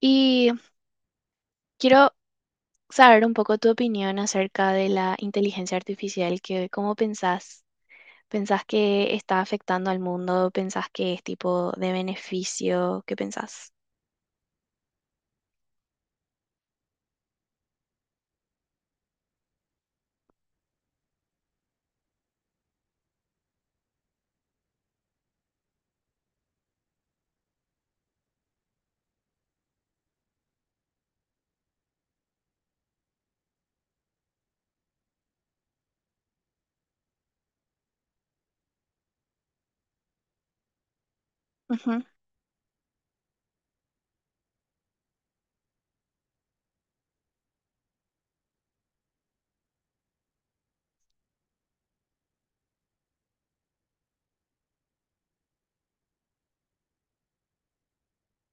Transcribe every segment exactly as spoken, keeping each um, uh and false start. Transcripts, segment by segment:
Y quiero saber un poco tu opinión acerca de la inteligencia artificial, que cómo pensás, pensás que está afectando al mundo, pensás que es tipo de beneficio, ¿qué pensás? Ujú,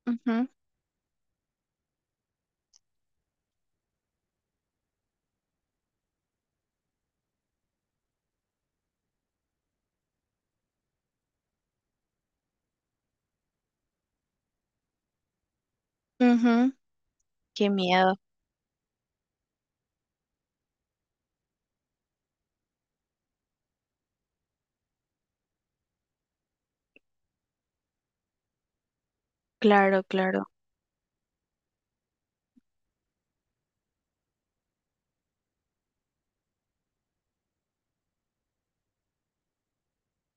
ujú, ujú. Qué miedo, claro, claro.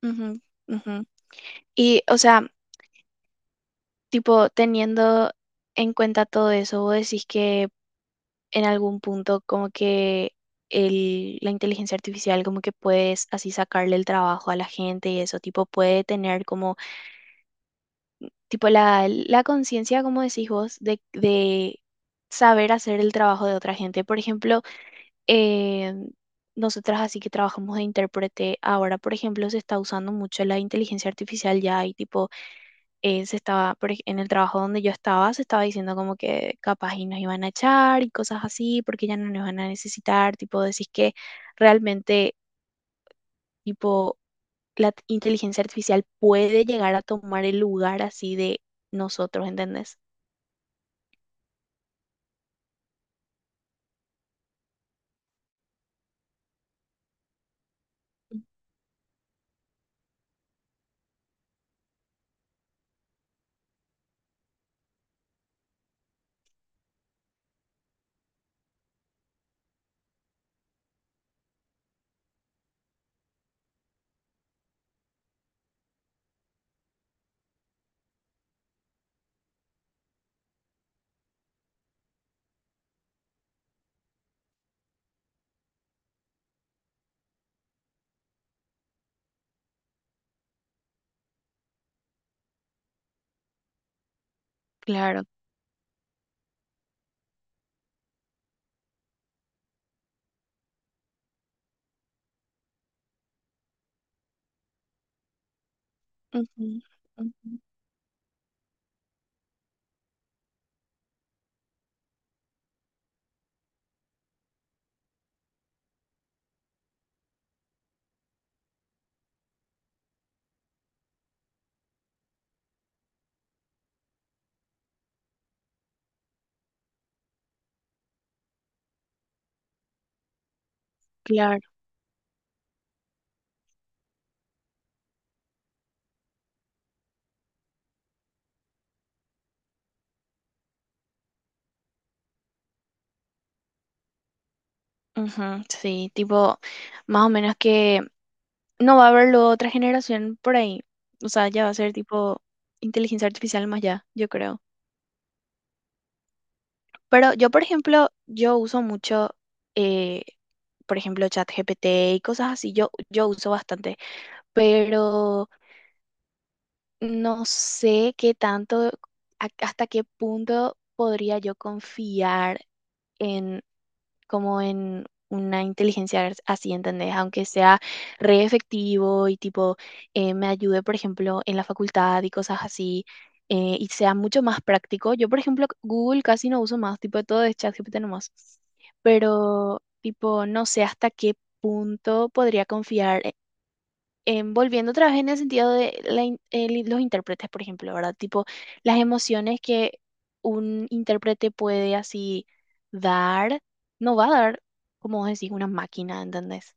Ujú, ujú. Y, o sea, tipo, teniendo en cuenta todo eso, vos decís que en algún punto como que el, la inteligencia artificial como que puedes así sacarle el trabajo a la gente y eso, tipo puede tener como, tipo la, la conciencia, como decís vos, de, de saber hacer el trabajo de otra gente. Por ejemplo, eh, nosotras así que trabajamos de intérprete, ahora por ejemplo se está usando mucho la inteligencia artificial ya y tipo eh, se estaba, por ej- en el trabajo donde yo estaba, se estaba diciendo como que capaz y nos iban a echar y cosas así, porque ya no nos van a necesitar, tipo, decís que realmente, tipo, la t- inteligencia artificial puede llegar a tomar el lugar así de nosotros, ¿entendés? Claro. Ujú, ujú. Claro. Ujú, sí, tipo, más o menos que no va a haber luego otra generación por ahí. O sea, ya va a ser tipo inteligencia artificial más allá, yo creo. Pero yo, por ejemplo, yo uso mucho, eh, por ejemplo, ChatGPT y cosas así, yo, yo uso bastante, pero no sé qué tanto, a- hasta qué punto podría yo confiar. En, Como en una inteligencia ar- así, ¿entendés? Aunque sea re efectivo y tipo eh, me ayude, por ejemplo, en la facultad y cosas así, eh, y sea mucho más práctico. Yo, por ejemplo, Google casi no uso más, tipo todo es ChatGPT nomás, pero tipo no sé hasta qué punto podría confiar em, volviendo otra vez en el sentido de la in- el- los intérpretes, por ejemplo, ¿verdad? Tipo, las emociones que un intérprete puede así dar, no va a dar, como vos decís, una máquina, ¿entendés?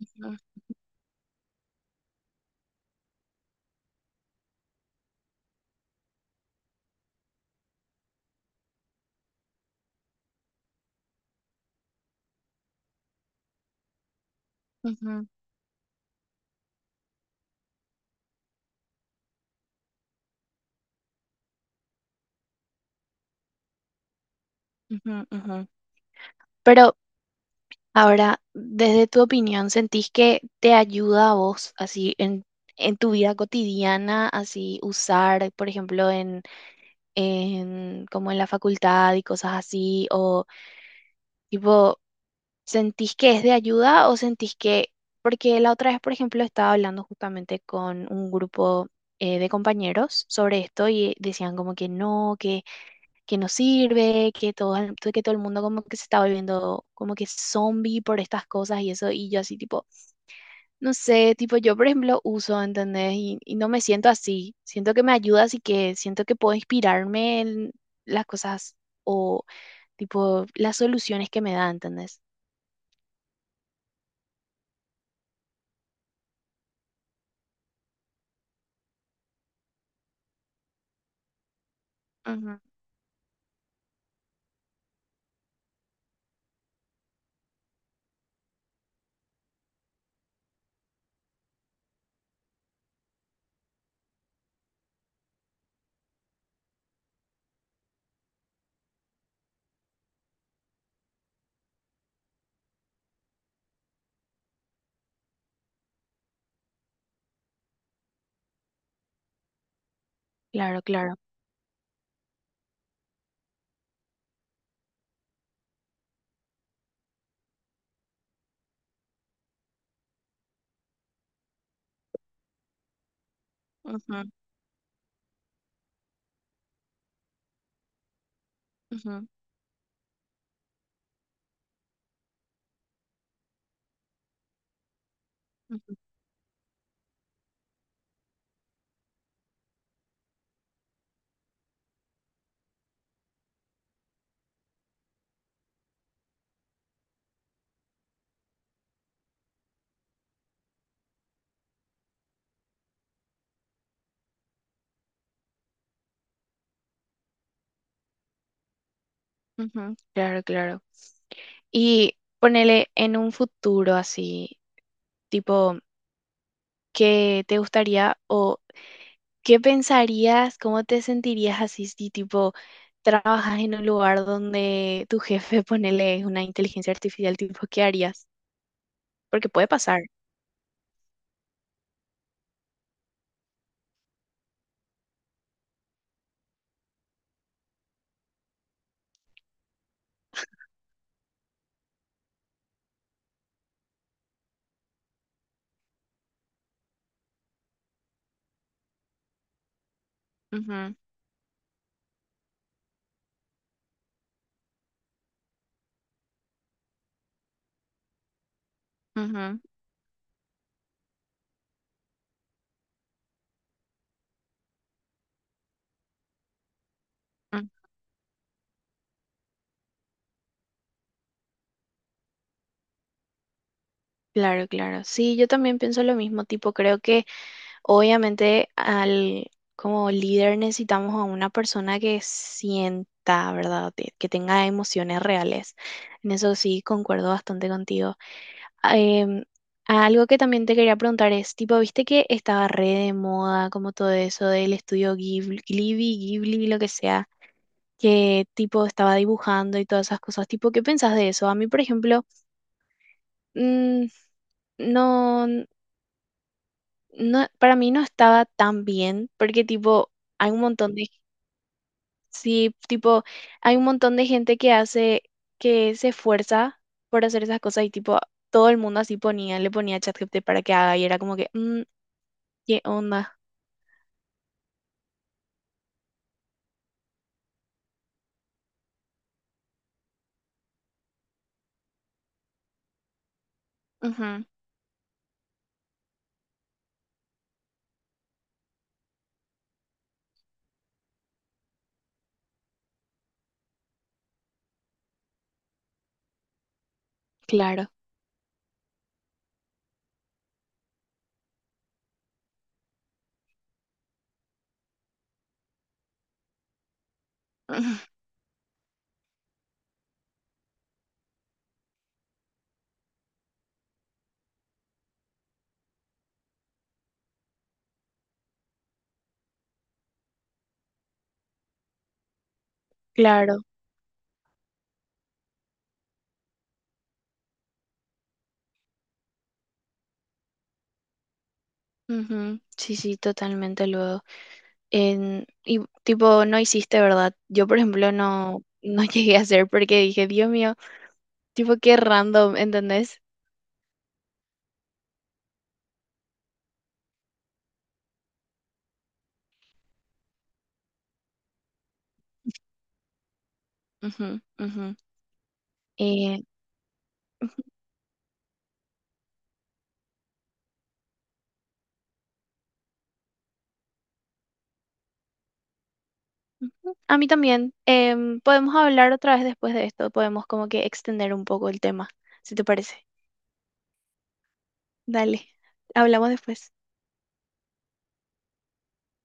Ujú, ujú, ujú, ujú. Pero ahora, desde tu opinión, ¿sentís que te ayuda a vos así en, en tu vida cotidiana, así usar, por ejemplo, en, en como en la facultad y cosas así, o tipo ¿sentís que es de ayuda o sentís que, porque la otra vez, por ejemplo, estaba hablando justamente con un grupo eh, de compañeros sobre esto y decían como que no, que, que no sirve, que todo, el- que todo el mundo como que se está volviendo como que zombie por estas cosas y eso, y yo así tipo, no sé, tipo yo por ejemplo uso, ¿entendés? Y, y no me siento así, siento que me ayuda, así que siento que puedo inspirarme en las cosas o tipo las soluciones que me da, ¿entendés? Ujú. Claro, claro. Ujú, ujú, ujú, ujú. Claro, claro. Y ponele en un futuro así, tipo, ¿qué te gustaría o qué pensarías, cómo te sentirías así si tipo trabajas en un lugar donde tu jefe ponele es una inteligencia artificial, tipo, ¿qué harías? Porque puede pasar. Ujú, ujú, ujú. Claro, claro. Sí, yo también pienso lo mismo, tipo, creo que obviamente, al, como líder necesitamos a una persona que sienta, ¿verdad? Que que tenga emociones reales. En eso sí, concuerdo bastante contigo. Ah, Em, algo que también te quería preguntar es, tipo, viste que estaba re de moda, como todo eso del estudio Ghibli, Ghibli, Ghibli, lo que sea, que tipo estaba dibujando y todas esas cosas. Tipo, ¿qué pensás de eso? A mí, por ejemplo, mm, no. No, para mí no estaba tan bien, porque tipo, hay un montón de, sí, tipo, hay un montón de gente que hace, que se esfuerza por hacer esas cosas y tipo, todo el mundo así ponía, le ponía ChatGPT para que haga y era como que, "Mm, ¿qué onda?" Ujú, claro, ujú, claro. Ujú, sí, sí, totalmente luego. En, y tipo, no hiciste, ¿verdad? Yo, por ejemplo, no, no llegué a hacer porque dije, Dios mío, tipo, qué random, ¿entendés? Ujú, ujú. Ujú, a mí también. Em, podemos hablar otra vez después de esto. Podemos como que extender un poco el tema, si te parece. Dale, hablamos después.